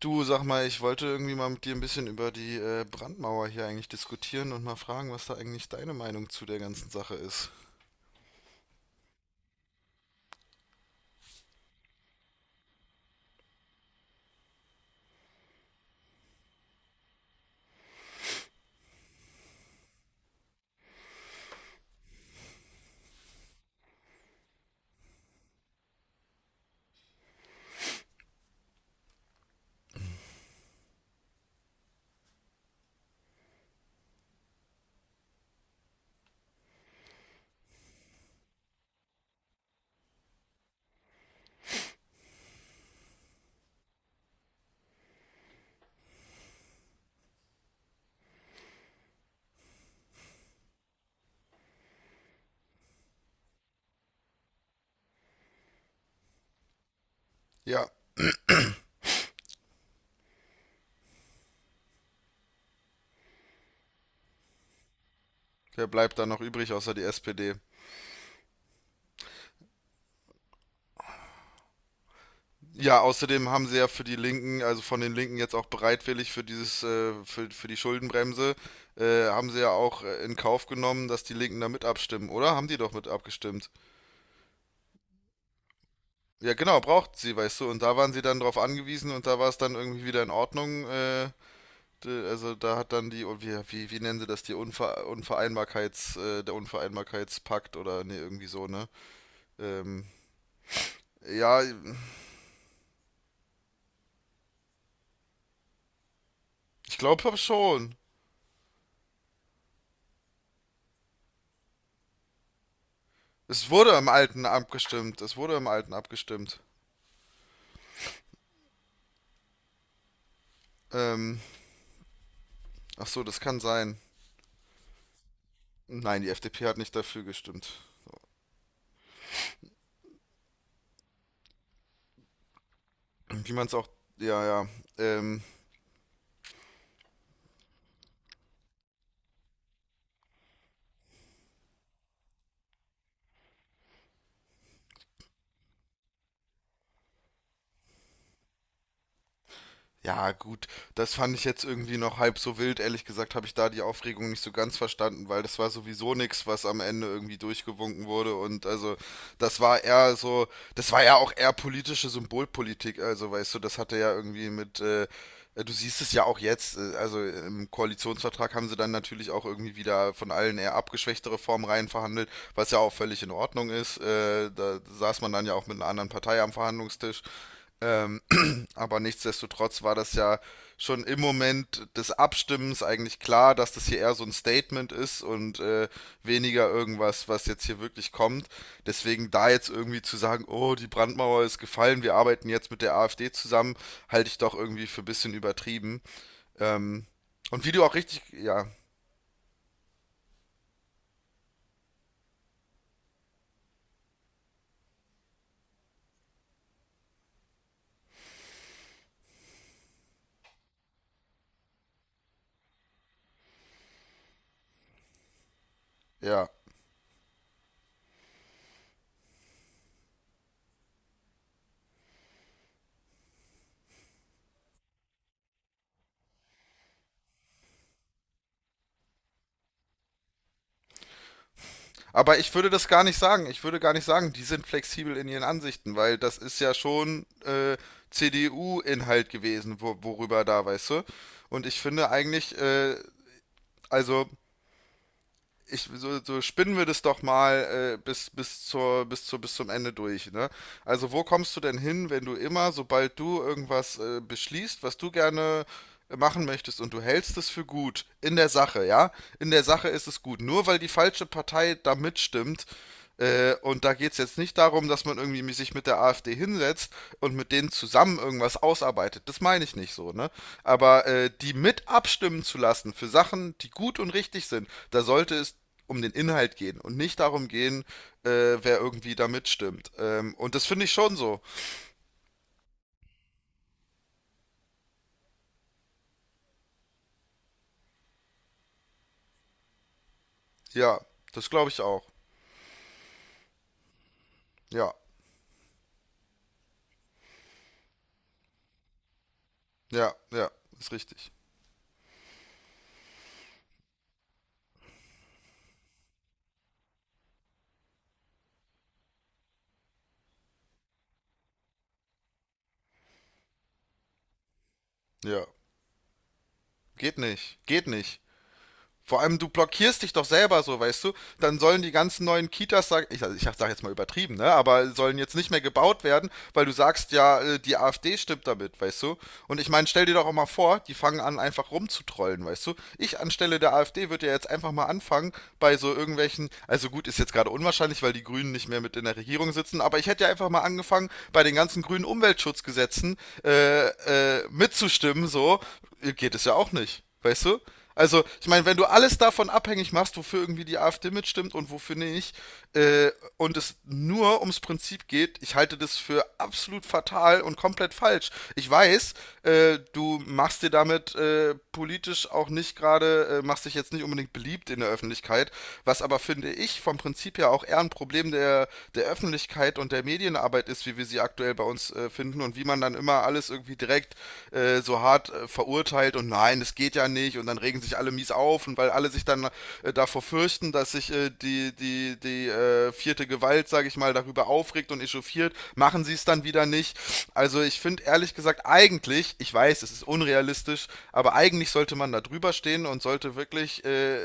Du, sag mal, ich wollte irgendwie mal mit dir ein bisschen über die Brandmauer hier eigentlich diskutieren und mal fragen, was da eigentlich deine Meinung zu der ganzen Sache ist. Ja, wer bleibt da noch übrig außer die SPD? Ja, außerdem haben sie ja für die Linken, also von den Linken jetzt auch bereitwillig für dieses, für die Schuldenbremse, haben sie ja auch in Kauf genommen, dass die Linken da mit abstimmen, oder? Haben die doch mit abgestimmt. Ja, genau, braucht sie, weißt du, und da waren sie dann drauf angewiesen und da war es dann irgendwie wieder in Ordnung, also da hat dann die, und wie nennen sie das, die Unvereinbarkeits, der Unvereinbarkeitspakt oder nee, irgendwie so, ne? Ähm, ja, ich glaube schon. Es wurde im Alten abgestimmt. Es wurde im Alten abgestimmt. Ähm, Ach so, das kann sein. Nein, die FDP hat nicht dafür gestimmt. Wie man es auch, Ja, ja. Ähm, Ja, gut, das fand ich jetzt irgendwie noch halb so wild. Ehrlich gesagt habe ich da die Aufregung nicht so ganz verstanden, weil das war sowieso nix, was am Ende irgendwie durchgewunken wurde. Und also, das war eher so, das war ja auch eher politische Symbolpolitik. Also, weißt du, das hatte ja irgendwie mit, du siehst es ja auch jetzt, also im Koalitionsvertrag haben sie dann natürlich auch irgendwie wieder von allen eher abgeschwächte Reformen rein verhandelt, was ja auch völlig in Ordnung ist. Da saß man dann ja auch mit einer anderen Partei am Verhandlungstisch. Ähm, aber nichtsdestotrotz war das ja schon im Moment des Abstimmens eigentlich klar, dass das hier eher so ein Statement ist und weniger irgendwas, was jetzt hier wirklich kommt. Deswegen da jetzt irgendwie zu sagen, oh, die Brandmauer ist gefallen, wir arbeiten jetzt mit der AfD zusammen, halte ich doch irgendwie für ein bisschen übertrieben. Ähm, und wie du auch richtig, ja. Aber ich würde das gar nicht sagen. Ich würde gar nicht sagen, die sind flexibel in ihren Ansichten, weil das ist ja schon CDU-Inhalt gewesen, wo, worüber da, weißt du? Und ich finde eigentlich, also so, so spinnen wir das doch mal bis zum Ende durch, ne? Also wo kommst du denn hin, wenn du immer, sobald du irgendwas beschließt, was du gerne machen möchtest und du hältst es für gut in der Sache, ja? In der Sache ist es gut. Nur weil die falsche Partei da mitstimmt, und da geht es jetzt nicht darum, dass man irgendwie sich mit der AfD hinsetzt und mit denen zusammen irgendwas ausarbeitet. Das meine ich nicht so, ne? Aber die mit abstimmen zu lassen für Sachen, die gut und richtig sind, da sollte es um den Inhalt gehen und nicht darum gehen, äh, wer irgendwie da mitstimmt. Und das finde ich schon so. Ja, das glaube ich auch. Ja, ja, ist richtig. Ja, geht nicht, geht nicht. Vor allem, du blockierst dich doch selber so, weißt du? Dann sollen die ganzen neuen Kitas, also ich sag jetzt mal übertrieben, ne? Aber sollen jetzt nicht mehr gebaut werden, weil du sagst, ja, die AfD stimmt damit, weißt du? Und ich meine, stell dir doch auch mal vor, die fangen an, einfach rumzutrollen, weißt du? Ich anstelle der AfD würde ja jetzt einfach mal anfangen, bei so irgendwelchen, also gut, ist jetzt gerade unwahrscheinlich, weil die Grünen nicht mehr mit in der Regierung sitzen, aber ich hätte ja einfach mal angefangen, bei den ganzen grünen Umweltschutzgesetzen äh, mitzustimmen, so, geht es ja auch nicht, weißt du? Also, ich meine, wenn du alles davon abhängig machst, wofür irgendwie die AfD mitstimmt und wofür nicht, und es nur ums Prinzip geht, ich halte das für absolut fatal und komplett falsch. Ich weiß, du machst dir damit politisch auch nicht gerade, machst dich jetzt nicht unbedingt beliebt in der Öffentlichkeit, was aber, finde ich, vom Prinzip her auch eher ein Problem der Öffentlichkeit und der Medienarbeit ist, wie wir sie aktuell bei uns finden und wie man dann immer alles irgendwie direkt so hart verurteilt und nein, das geht ja nicht und dann regen sich alle mies auf und weil alle sich dann davor fürchten, dass sich die vierte Gewalt, sage ich mal, darüber aufregt und echauffiert, machen sie es dann wieder nicht. Also ich finde ehrlich gesagt eigentlich, ich weiß, es ist unrealistisch, aber eigentlich sollte man da drüber stehen und sollte wirklich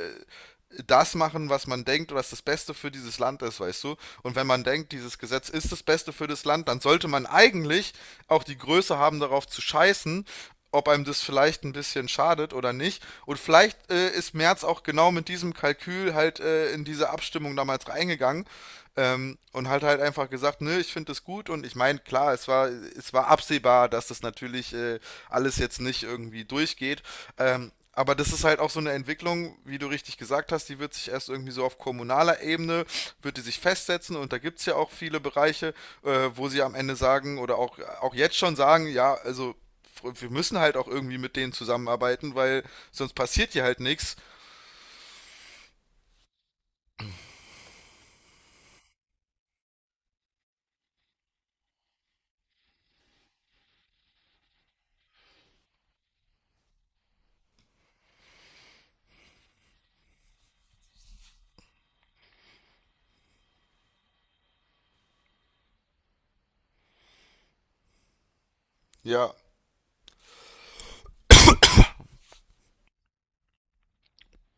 das machen, was man denkt, was das Beste für dieses Land ist, weißt du? Und wenn man denkt, dieses Gesetz ist das Beste für das Land, dann sollte man eigentlich auch die Größe haben, darauf zu scheißen, ob einem das vielleicht ein bisschen schadet oder nicht. Und vielleicht ist Merz auch genau mit diesem Kalkül halt in diese Abstimmung damals reingegangen und hat halt einfach gesagt, nö, ich finde es gut und ich meine, klar, es war absehbar, dass das natürlich alles jetzt nicht irgendwie durchgeht. Aber das ist halt auch so eine Entwicklung, wie du richtig gesagt hast, die wird sich erst irgendwie so auf kommunaler Ebene, wird die sich festsetzen und da gibt es ja auch viele Bereiche, wo sie am Ende sagen oder auch, auch jetzt schon sagen, ja, also wir müssen halt auch irgendwie mit denen zusammenarbeiten, weil sonst passiert hier halt nichts. Ja,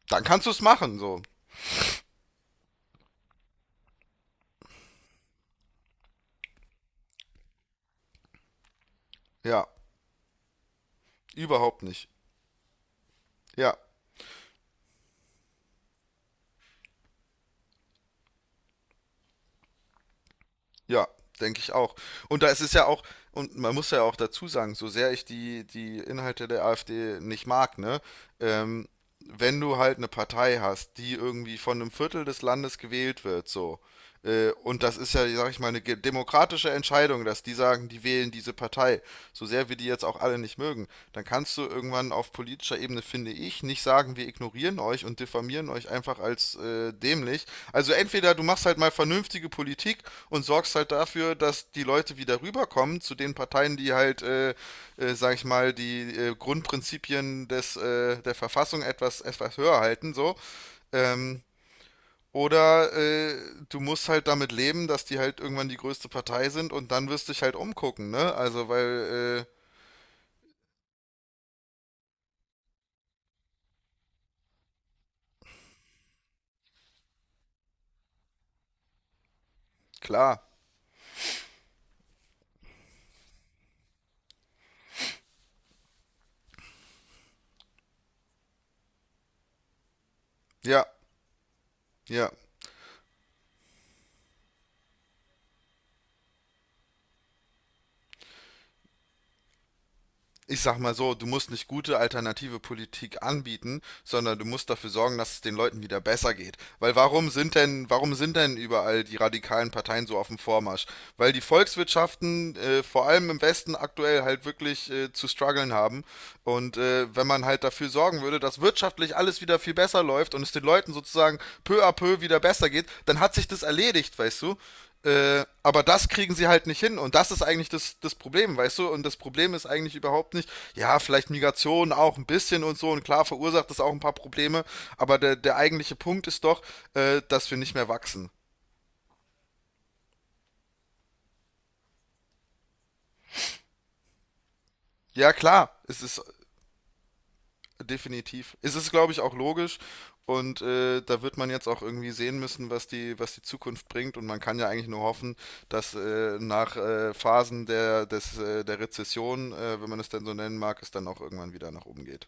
dann kannst du es machen, so. Ja, überhaupt nicht. Ja. Ja, denke ich auch. Und da ist es ja auch, und man muss ja auch dazu sagen, so sehr ich die Inhalte der AfD nicht mag, ne, ähm, wenn du halt eine Partei hast, die irgendwie von einem Viertel des Landes gewählt wird, so, und das ist ja, sag ich mal, eine demokratische Entscheidung, dass die sagen, die wählen diese Partei, so sehr wir die jetzt auch alle nicht mögen, dann kannst du irgendwann auf politischer Ebene, finde ich, nicht sagen, wir ignorieren euch und diffamieren euch einfach als dämlich. Also entweder du machst halt mal vernünftige Politik und sorgst halt dafür, dass die Leute wieder rüberkommen zu den Parteien, die halt, sag ich mal, die Grundprinzipien der Verfassung etwas höher halten, so. Ähm, oder du musst halt damit leben, dass die halt irgendwann die größte Partei sind und dann wirst du dich halt umgucken, ne? Also, weil, klar, ja, ja. Ich sag mal so, du musst nicht gute alternative Politik anbieten, sondern du musst dafür sorgen, dass es den Leuten wieder besser geht. Weil warum sind denn überall die radikalen Parteien so auf dem Vormarsch? Weil die Volkswirtschaften vor allem im Westen aktuell halt wirklich zu strugglen haben. Und wenn man halt dafür sorgen würde, dass wirtschaftlich alles wieder viel besser läuft und es den Leuten sozusagen peu à peu wieder besser geht, dann hat sich das erledigt, weißt du? Aber das kriegen sie halt nicht hin. Und das ist eigentlich das Problem, weißt du? Und das Problem ist eigentlich überhaupt nicht, ja, vielleicht Migration auch ein bisschen und so. Und klar verursacht das auch ein paar Probleme. Aber der eigentliche Punkt ist doch, dass wir nicht mehr wachsen. Ja, klar, es ist definitiv. Es ist, glaube ich, auch logisch. Und da wird man jetzt auch irgendwie sehen müssen, was die Zukunft bringt. Und man kann ja eigentlich nur hoffen, dass nach Phasen der Rezession, wenn man es denn so nennen mag, es dann auch irgendwann wieder nach oben geht.